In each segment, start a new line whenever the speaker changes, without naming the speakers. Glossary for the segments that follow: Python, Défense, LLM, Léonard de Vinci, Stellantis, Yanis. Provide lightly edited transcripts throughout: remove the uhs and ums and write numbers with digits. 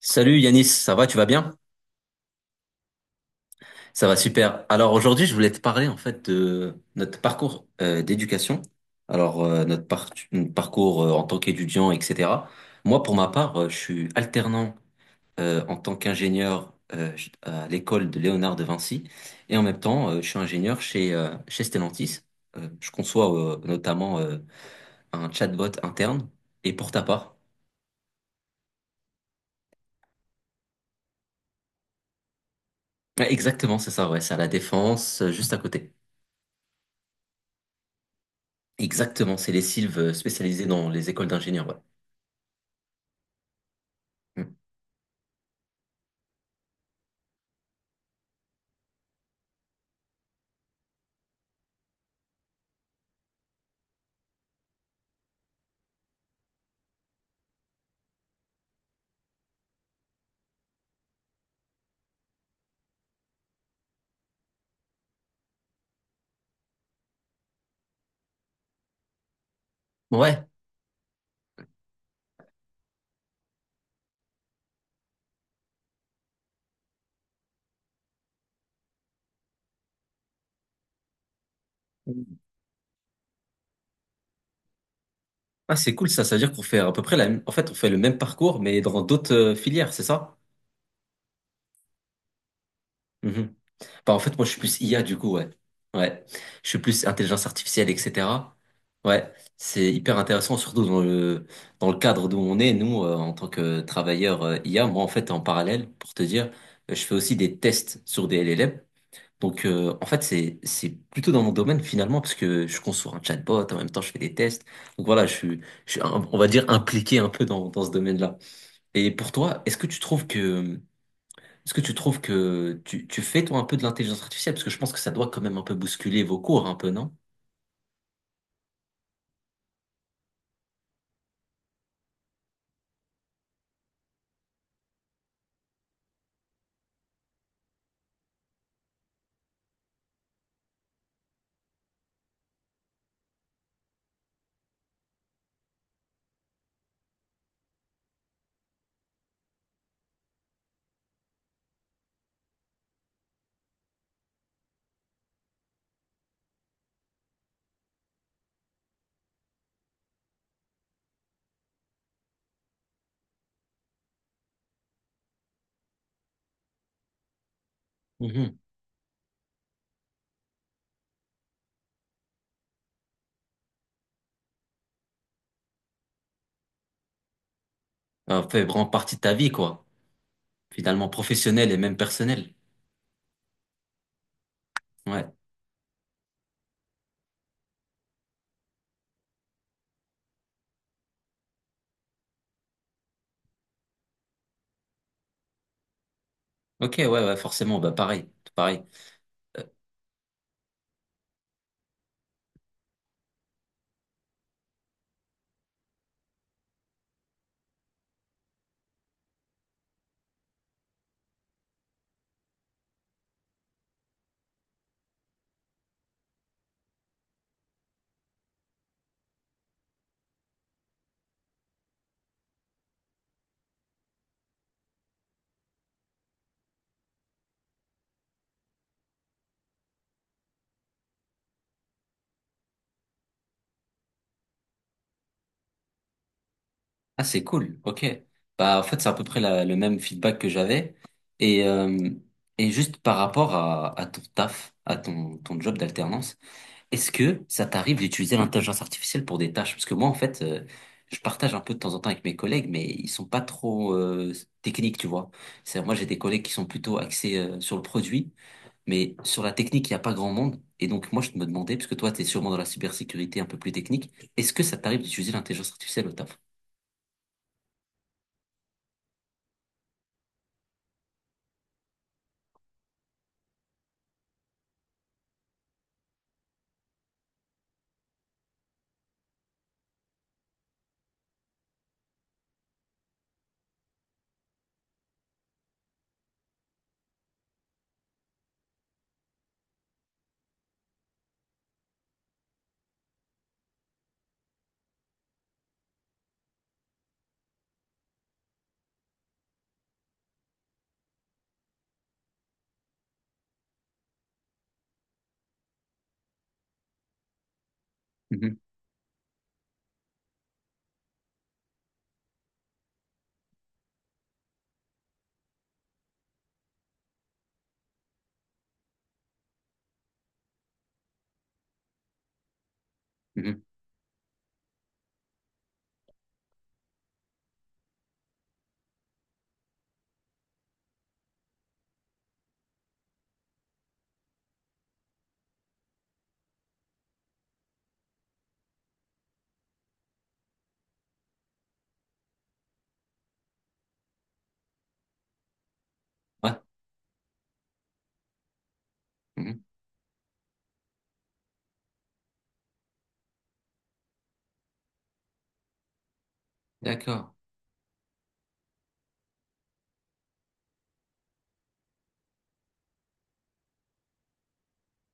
Salut Yanis, ça va, tu vas bien? Ça va super. Alors aujourd'hui, je voulais te parler en fait de notre parcours d'éducation. Alors notre parcours en tant qu'étudiant, etc. Moi, pour ma part, je suis alternant en tant qu'ingénieur à l'école de Léonard de Vinci et en même temps, je suis ingénieur chez Stellantis. Je conçois notamment un chatbot interne. Et pour ta part? Ouais, exactement, c'est ça, ouais, c'est à la Défense, juste à côté. Exactement, c'est les sylves spécialisés dans les écoles d'ingénieurs, ouais. Mm. Ouais. Ah, c'est cool ça, ça veut dire qu'on fait à peu près la même. En fait, on fait le même parcours, mais dans d'autres filières, c'est ça? Mhm. Bah, en fait, moi, je suis plus IA, du coup, ouais. Ouais. Je suis plus intelligence artificielle, etc. Ouais. C'est hyper intéressant, surtout dans le cadre d'où on est, nous, en tant que travailleurs IA. Moi, en fait, en parallèle, pour te dire, je fais aussi des tests sur des LLM. Donc, en fait, c'est plutôt dans mon domaine finalement, parce que je conçois un chatbot, en même temps, je fais des tests. Donc voilà, je suis on va dire, impliqué un peu dans ce domaine-là. Et pour toi, est-ce que tu trouves que tu fais, toi, un peu de l'intelligence artificielle? Parce que je pense que ça doit quand même un peu bousculer vos cours, un peu, non? Mhm. Ça fait vraiment partie de ta vie, quoi. Finalement, professionnelle et même personnelle. Ouais. Ok, ouais, ouais, forcément, bah pareil, pareil. Ah, c'est cool, ok. Bah, en fait, c'est à peu près le même feedback que j'avais. Et, euh, et juste par rapport à ton taf, à ton job d'alternance, est-ce que ça t'arrive d'utiliser l'intelligence artificielle pour des tâches? Parce que moi, en fait, je partage un peu de temps en temps avec mes collègues, mais ils sont pas trop techniques, tu vois. C'est-à-dire, moi, j'ai des collègues qui sont plutôt axés sur le produit, mais sur la technique, il n'y a pas grand monde. Et donc, moi, je me demandais, parce que toi, tu es sûrement dans la cybersécurité un peu plus technique, est-ce que ça t'arrive d'utiliser l'intelligence artificielle au taf? Mhm, mhm. Ouais. Mhm. D'accord.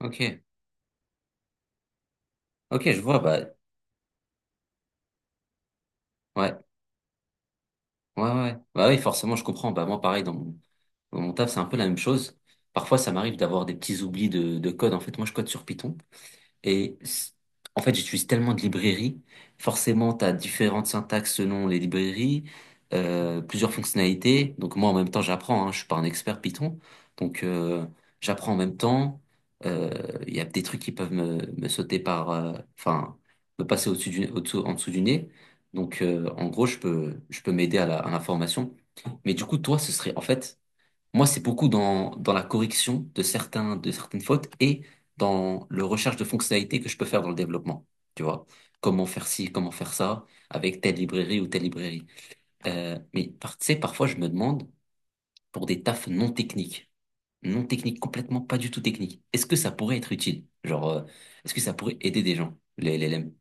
Ok. Ok, je vois. Bah, ouais. Ouais, ouais. Ouais. Bah oui, forcément, je comprends. Bah, moi, pareil, dans mon taf, c'est un peu la même chose. Parfois, ça m'arrive d'avoir des petits oublis de code. En fait, moi, je code sur Python. Et c- En fait, j'utilise tellement de librairies. Forcément, tu as différentes syntaxes selon les librairies, plusieurs fonctionnalités. Donc moi, en même temps, j'apprends. Hein, je suis pas un expert Python. Donc j'apprends en même temps. Euh, Il y a des trucs qui peuvent me sauter par. Enfin, me passer au-dessus du, au-dessous, en dessous du nez. Donc en gros, je peux m'aider à l'information. Mais du coup, toi, ce serait en fait. Moi, c'est beaucoup dans la correction de de certaines fautes et dans le recherche de fonctionnalités que je peux faire dans le développement. Tu vois, comment faire ci, comment faire ça avec telle librairie ou telle librairie. Mais tu sais, parfois, je me demande pour des tafs non techniques, non techniques, complètement pas du tout techniques, est-ce que ça pourrait être utile? Genre, est-ce que ça pourrait aider des gens, les LLM?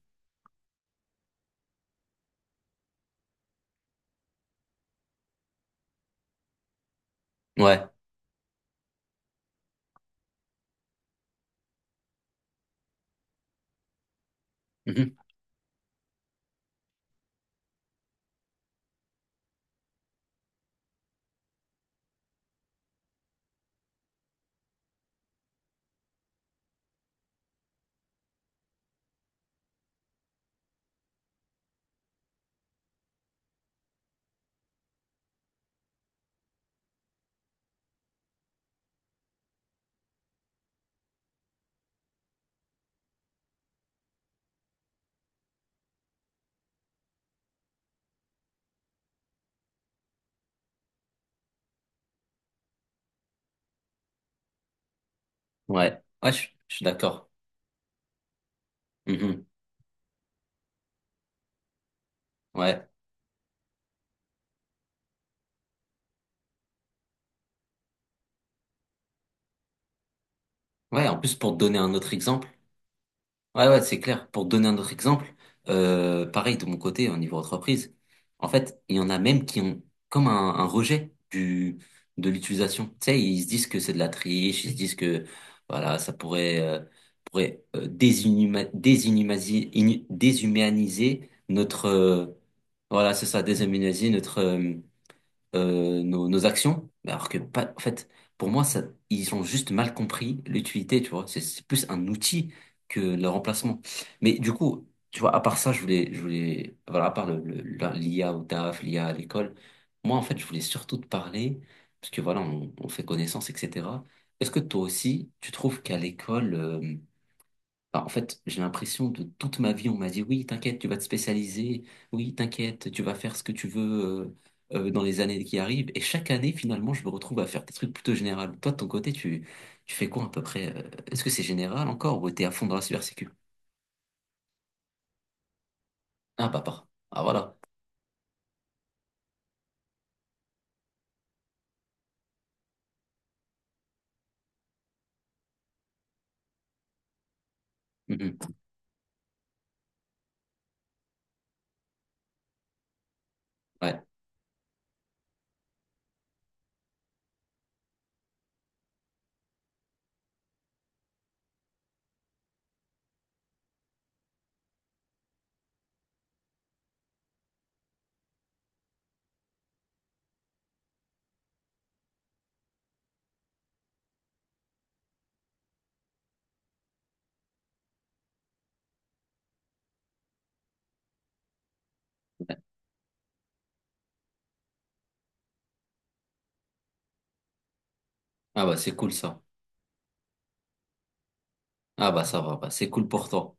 Ouais. Mhm. Ouais, ouais, je suis d'accord. Mhm. Ouais, ouais. En plus, pour te donner un autre exemple. Ouais, ouais, c'est clair. Pour donner un autre exemple, pareil de mon côté, au niveau entreprise, en fait, il y en a même qui ont comme un rejet de l'utilisation. Tu sais, ils se disent que c'est de la triche, ils se disent que voilà, ça pourrait déshumaniser notre. Voilà, c'est ça, déshumaniser nos actions, alors que pas, en fait, pour moi, ça, ils ont juste mal compris l'utilité, tu vois. C'est plus un outil que le remplacement. Mais du coup, tu vois, à part ça, voilà, à part l'IA au taf, l'IA à l'école, moi, en fait, je voulais surtout te parler, parce que voilà, on fait connaissance, etc. Est-ce que toi aussi, tu trouves qu'à l'école, alors, en fait, j'ai l'impression de toute ma vie, on m'a dit, oui, t'inquiète, tu vas te spécialiser, oui, t'inquiète, tu vas faire ce que tu veux dans les années qui arrivent. Et chaque année, finalement, je me retrouve à faire des trucs plutôt généraux. Toi, de ton côté, tu fais quoi à peu près? Est-ce que c'est général encore ou t'es à fond dans la cybersécu? Ah bah, ah voilà. Mhm. Ouais. Ouais. Ah bah, c'est cool ça. Ah bah, ça va, bah, c'est cool pour toi.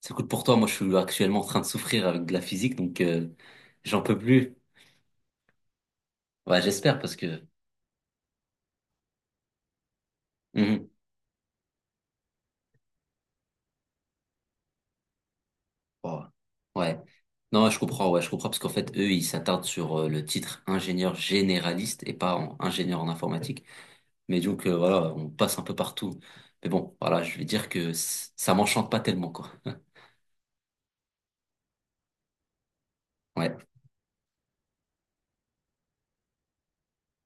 C'est cool pour toi. Moi, je suis actuellement en train de souffrir avec de la physique, donc j'en peux plus. Ouais, j'espère parce que. Mhm. Ouais. Ouais. Non, je comprends, ouais, je comprends parce qu'en fait, eux, ils s'attardent sur le titre ingénieur généraliste et pas en ingénieur en informatique. Mais donc, voilà, on passe un peu partout. Mais bon, voilà, je vais dire que ça m'enchante pas tellement, quoi. Ouais.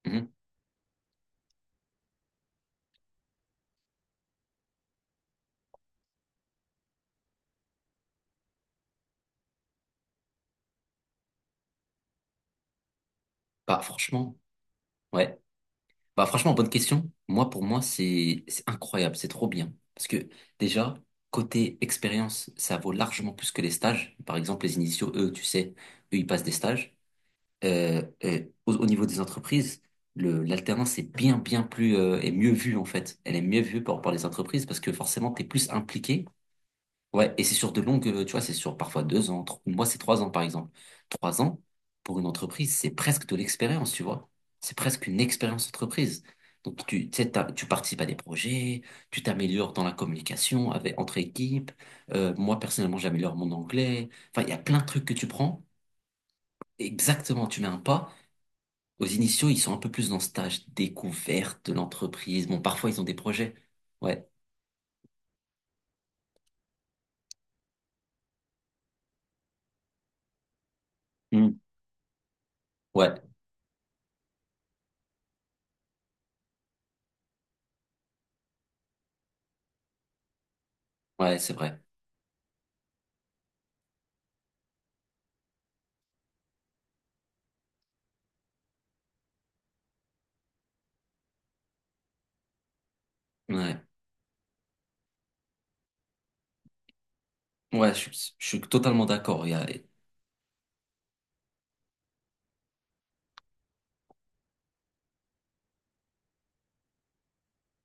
Mhm. Bah, franchement, ouais. Bah, franchement, bonne question. Moi, pour moi, c'est incroyable, c'est trop bien. Parce que déjà, côté expérience, ça vaut largement plus que les stages. Par exemple, les initiaux, eux, tu sais, eux, ils passent des stages. Au niveau des entreprises, l'alternance est bien plus, est mieux vue, en fait. Elle est mieux vue par les entreprises parce que forcément, t'es plus impliqué. Ouais, et c'est sur de longues, tu vois, c'est sur parfois 2 ans, moi, c'est 3 ans, par exemple. 3 ans, pour une entreprise, c'est presque de l'expérience, tu vois. C'est presque une expérience entreprise. Donc, tu sais, tu participes à des projets, tu t'améliores dans la communication entre équipes. Moi, personnellement, j'améliore mon anglais. Enfin, il y a plein de trucs que tu prends. Exactement, tu mets un pas. Aux initiaux, ils sont un peu plus dans ce stage découverte de l'entreprise. Bon, parfois, ils ont des projets. Ouais. Hmm. Ouais. Ouais, c'est vrai. Ouais. Ouais, je suis totalement d'accord.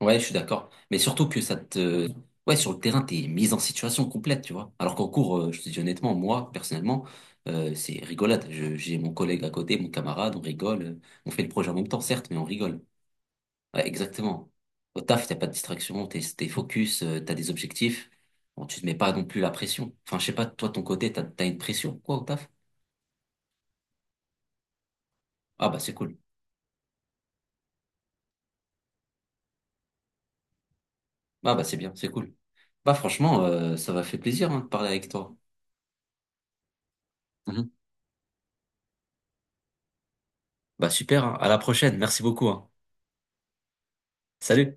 Ouais, je suis d'accord. Mais surtout que ça te. Ouais, sur le terrain, t'es mise en situation complète, tu vois. Alors qu'en cours, je te dis honnêtement, moi, personnellement, c'est rigolade. J'ai mon collègue à côté, mon camarade, on rigole. On fait le projet en même temps, certes, mais on rigole. Ouais, exactement. Au taf, t'as pas de distraction, t'es focus, t'as des objectifs. Bon, tu te mets pas non plus la pression. Enfin, je sais pas, toi, ton côté, t'as une pression, quoi, au taf? Ah, bah, c'est cool. Ah, bah, c'est bien, c'est cool. Bah, franchement, ça m'a fait plaisir, hein, de parler avec toi. Mhm. Bah, super, hein. À la prochaine. Merci beaucoup, hein. Salut.